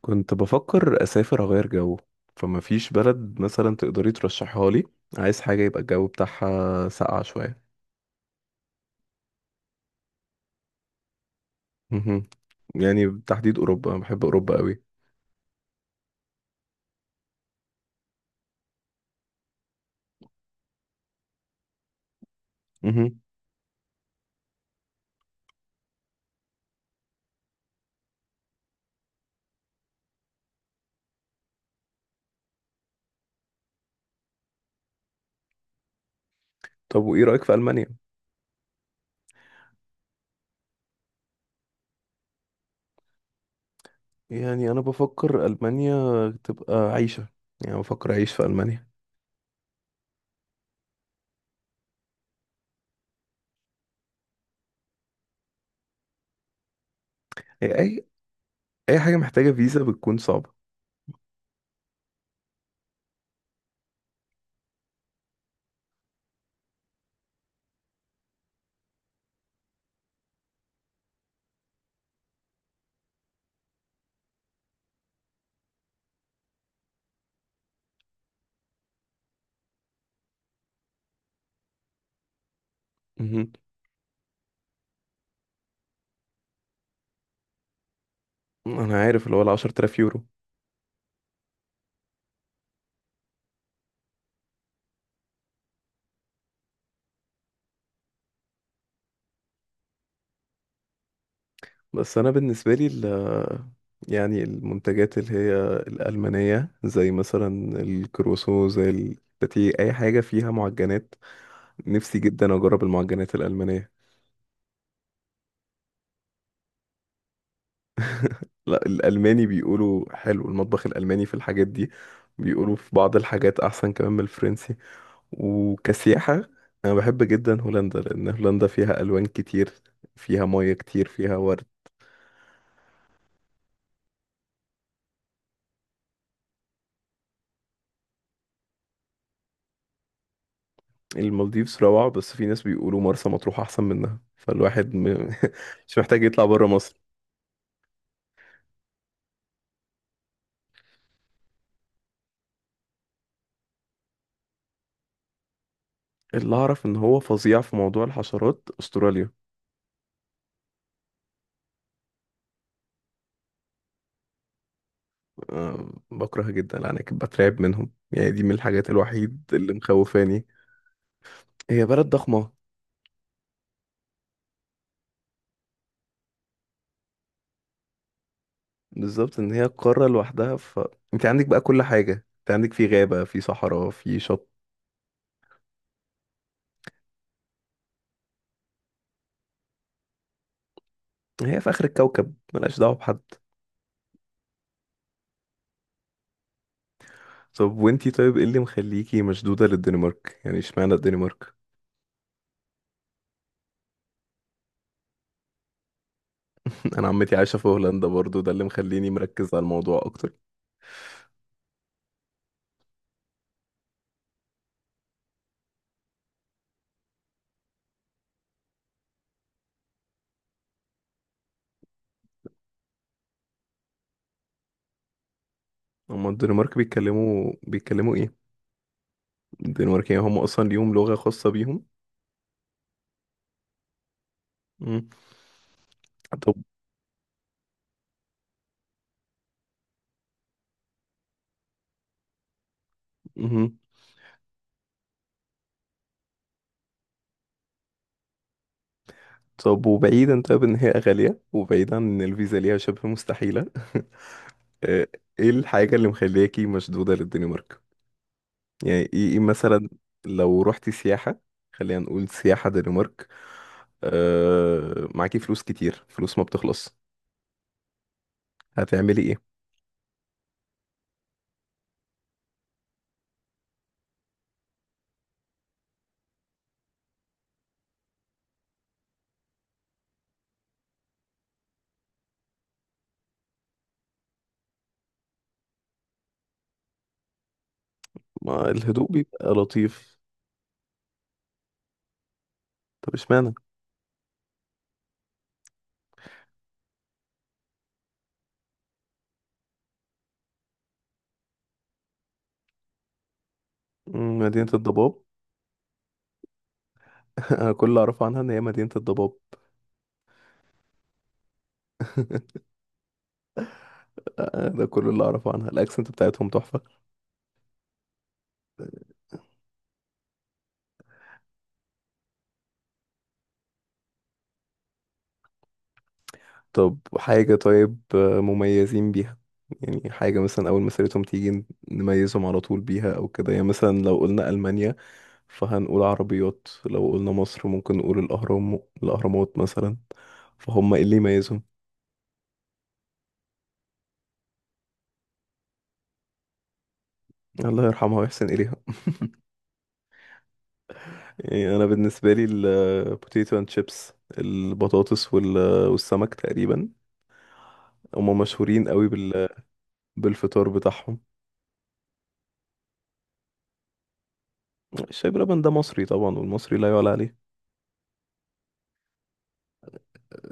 كنت بفكر أسافر أغير جو. فما فيش بلد مثلا تقدري ترشحها لي؟ عايز حاجة يبقى الجو بتاعها ساقعة شوية. مهم. يعني بالتحديد أوروبا، أنا بحب أوروبا قوي. مهم. طب وإيه رأيك في ألمانيا؟ يعني أنا بفكر ألمانيا تبقى عيشة، يعني بفكر أعيش في ألمانيا. أي أي حاجة محتاجة فيزا بتكون صعبة. مهم. أنا عارف اللي هو 10,000 يورو. بس انا بالنسبه لي يعني المنتجات اللي هي الالمانيه زي مثلا الكروسو، زي الباتيه، اي حاجه فيها معجنات. نفسي جدا اجرب المعجنات الالمانيه. لا، الالماني بيقولوا حلو المطبخ الالماني في الحاجات دي، بيقولوا في بعض الحاجات احسن كمان من الفرنسي. وكسياحه، انا بحب جدا هولندا، لان هولندا فيها الوان كتير، فيها ميه كتير، فيها ورد. المالديفز روعة، بس في ناس بيقولوا مرسى مطروح أحسن منها، فالواحد مش محتاج يطلع برا مصر. اللي أعرف إن هو فظيع في موضوع الحشرات أستراليا. أه بكرهها جدا، أنا كنت بترعب منهم، يعني دي من الحاجات الوحيد اللي مخوفاني. هي بلد ضخمة. بالظبط إن هي قارة لوحدها. أنت عندك بقى كل حاجة، أنت عندك في غابة، في صحراء، في شط. هي في آخر الكوكب، ملهاش دعوة بحد. طب وانتي طيب، ايه اللي مخليكي مشدودة للدنمارك؟ يعني اشمعنى الدنمارك؟ انا عمتي عايشه في هولندا برضو، ده اللي مخليني مركز على الموضوع اكتر. هما الدنمارك بيتكلموا ايه؟ الدنمارك يعني هم اصلا ليهم لغه خاصه بيهم. مم. طب. مهم. طب وبعيدا، طب ان هي غاليه وبعيدا ان الفيزا ليها شبه مستحيله. آه، ايه الحاجه اللي مخلياكي مشدوده للدنمارك؟ يعني ايه إيه مثلا؟ لو رحتي سياحه، خلينا نقول سياحه دنمارك. معاكي فلوس كتير، فلوس ما بتخلص، هتعملي ايه؟ ما الهدوء بيبقى لطيف. طب اشمعنى؟ مدينة الضباب. أنا كل اللي أعرفه عنها إن هي مدينة الضباب. ده كل اللي أعرفه عنها، الأكسنت بتاعتهم تحفة. طب حاجة طيب، مميزين بيها؟ يعني حاجة مثلا أول ما سيرتهم تيجي نميزهم على طول بيها، أو كده. يعني مثلا لو قلنا ألمانيا فهنقول عربيات، لو قلنا مصر ممكن نقول الأهرام، الأهرامات مثلا. فهم إيه اللي يميزهم؟ الله يرحمها ويحسن إليها. يعني أنا بالنسبة لي البوتيتو أند شيبس، البطاطس والسمك تقريبا، هم مشهورين قوي بالفطار بتاعهم. الشاي بلبن ده مصري طبعا، والمصري لا يعلى عليه.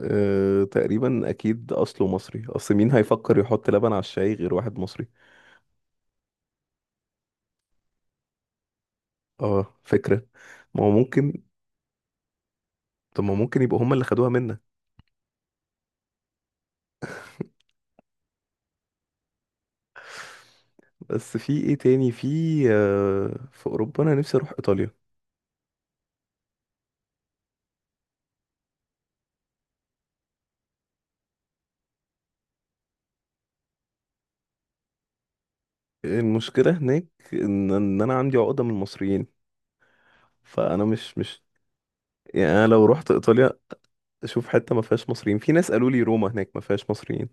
تقريبا اكيد اصله مصري، اصل مين هيفكر يحط لبن على الشاي غير واحد مصري؟ اه فكرة، ما هو ممكن. طب ما ممكن يبقوا هم اللي خدوها منا. بس في ايه تاني؟ في في اوروبا انا نفسي اروح ايطاليا. المشكله هناك، ان انا عندي عقده من المصريين، فانا مش، يعني انا لو رحت ايطاليا اشوف حته ما فيهاش مصريين. في ناس قالوا لي روما هناك ما فيهاش مصريين.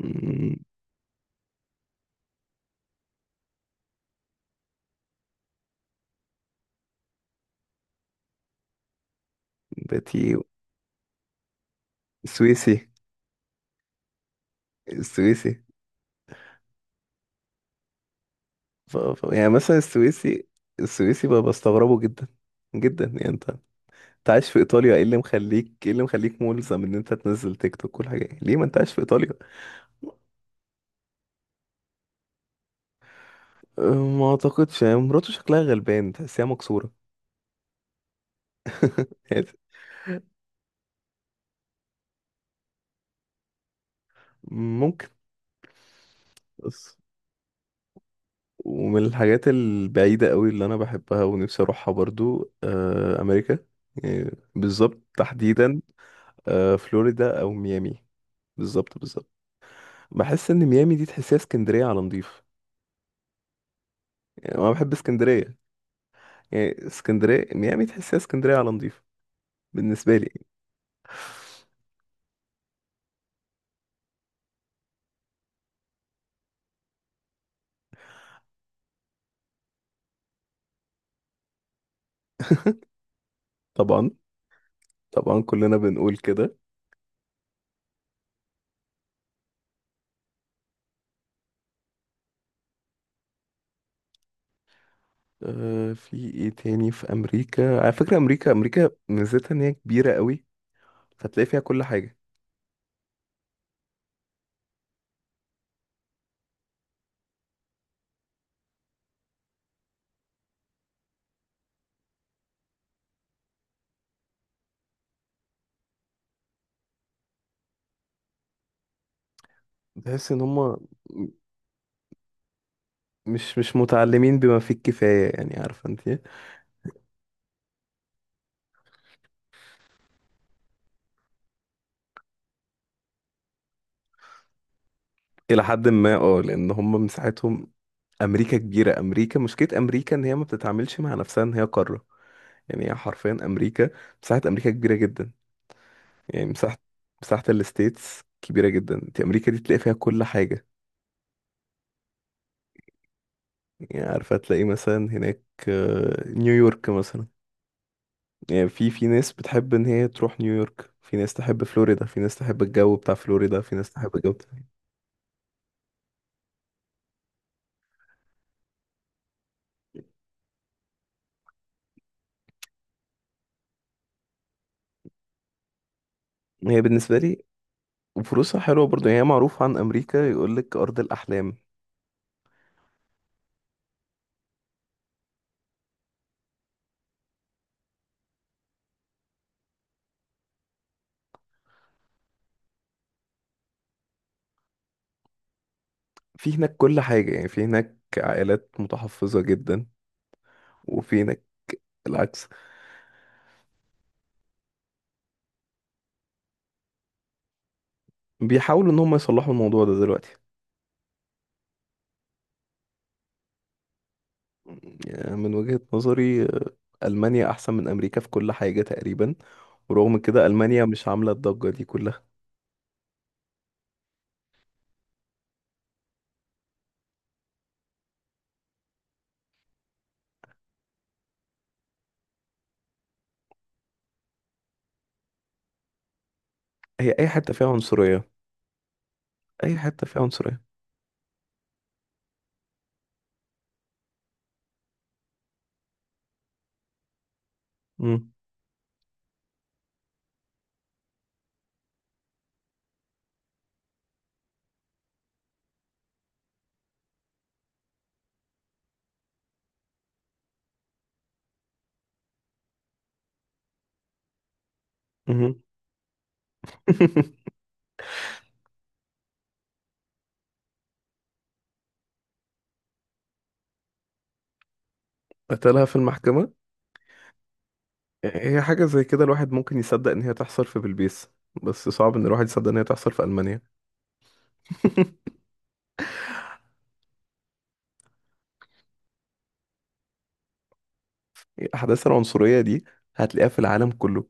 مم. باتيو. السويسي السويسي. يعني مثلا السويسي، السويسي بقى بستغربه جدا جدا، يعني انت عايش في ايطاليا، ايه اللي مخليك ملزم ان انت تنزل تيك توك كل حاجه؟ ليه ما انت عايش في ايطاليا؟ أه، ما اعتقدش، يعني مراته شكلها غلبان، تحسيها مكسوره. يعني ممكن. بس ومن الحاجات البعيدة قوي اللي أنا بحبها ونفسي أروحها برضو أمريكا. يعني بالظبط تحديدا فلوريدا او ميامي. بالظبط بالظبط. بحس ان ميامي دي تحسها اسكندريه على نضيف، يعني انا بحب اسكندريه، يعني اسكندريه ميامي تحسها اسكندريه على نضيف، بالنسبه لي. طبعا، طبعا كلنا بنقول كده. في ايه تاني في امريكا؟ على فكره، امريكا ميزتها ان هي كبيره قوي، فتلاقي فيها كل حاجه. تحس ان هم مش متعلمين بما فيه الكفايه، يعني عارفه انت. الى حد ما اه، لان هم مساحتهم، امريكا كبيره. امريكا، مشكله امريكا ان هي ما بتتعاملش مع نفسها ان هي قاره. يعني هي حرفيا امريكا، مساحه امريكا كبيره جدا، يعني مساحه الستيتس كبيره جدا. انت امريكا دي تلاقي فيها كل حاجه. يعني عارفه تلاقي مثلا هناك نيويورك مثلا، يعني في ناس بتحب ان هي تروح نيويورك، في ناس تحب فلوريدا، في ناس تحب الجو بتاع فلوريدا، في ناس تحب الجو بتاع. هي بالنسبه لي، وفلوسها حلوه برضه، يعني هي معروفه عن امريكا، يقول لك ارض الاحلام. في هناك كل حاجه، يعني في هناك عائلات متحفظة جدا، وفينك العكس. بيحاولوا ان هم يصلحوا الموضوع ده دلوقتي. يعني من وجهة نظري ألمانيا أحسن من أمريكا في كل حاجة تقريبا، ورغم كده ألمانيا مش عاملة الضجة دي كلها. هي أي حتة فيها عنصرية. أي حتة فيها عنصرية. مم. مهم. قتلها في المحكمة. هي حاجة زي كده الواحد ممكن يصدق إن هي تحصل في بلبيس، بس صعب إن الواحد يصدق إن هي تحصل في ألمانيا. أحداث العنصرية دي هتلاقيها في العالم كله.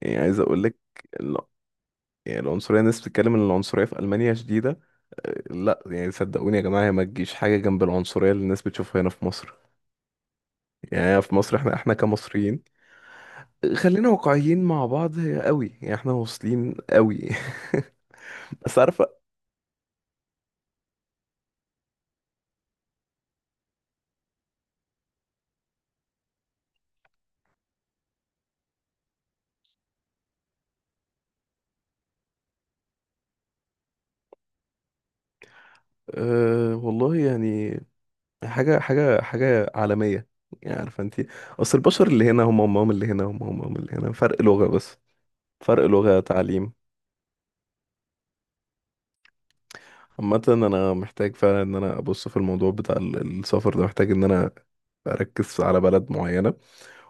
يعني عايز أقول لك، يعني العنصرية، الناس بتتكلم ان العنصرية في ألمانيا شديدة. لا يعني صدقوني يا جماعة، هي ما تجيش حاجة جنب العنصرية اللي الناس بتشوفها هنا في مصر. يعني في مصر احنا كمصريين، خلينا واقعيين مع بعض، هي قوي، يعني احنا واصلين قوي. بس عارفة، أه والله يعني، حاجة عالمية. يعني عارفة انتي، اصل البشر اللي هنا هم اللي هنا، هم اللي هنا، فرق لغة بس، فرق لغة، تعليم. عامة انا محتاج فعلا ان انا ابص في الموضوع بتاع السفر ده، محتاج ان انا اركز على بلد معينة.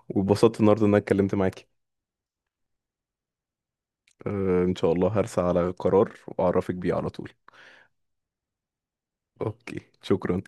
واتبسطت النهاردة ان انا اتكلمت معاكي. أه ان شاء الله هرسى على قرار واعرفك بيه على طول. اوكي شكرا.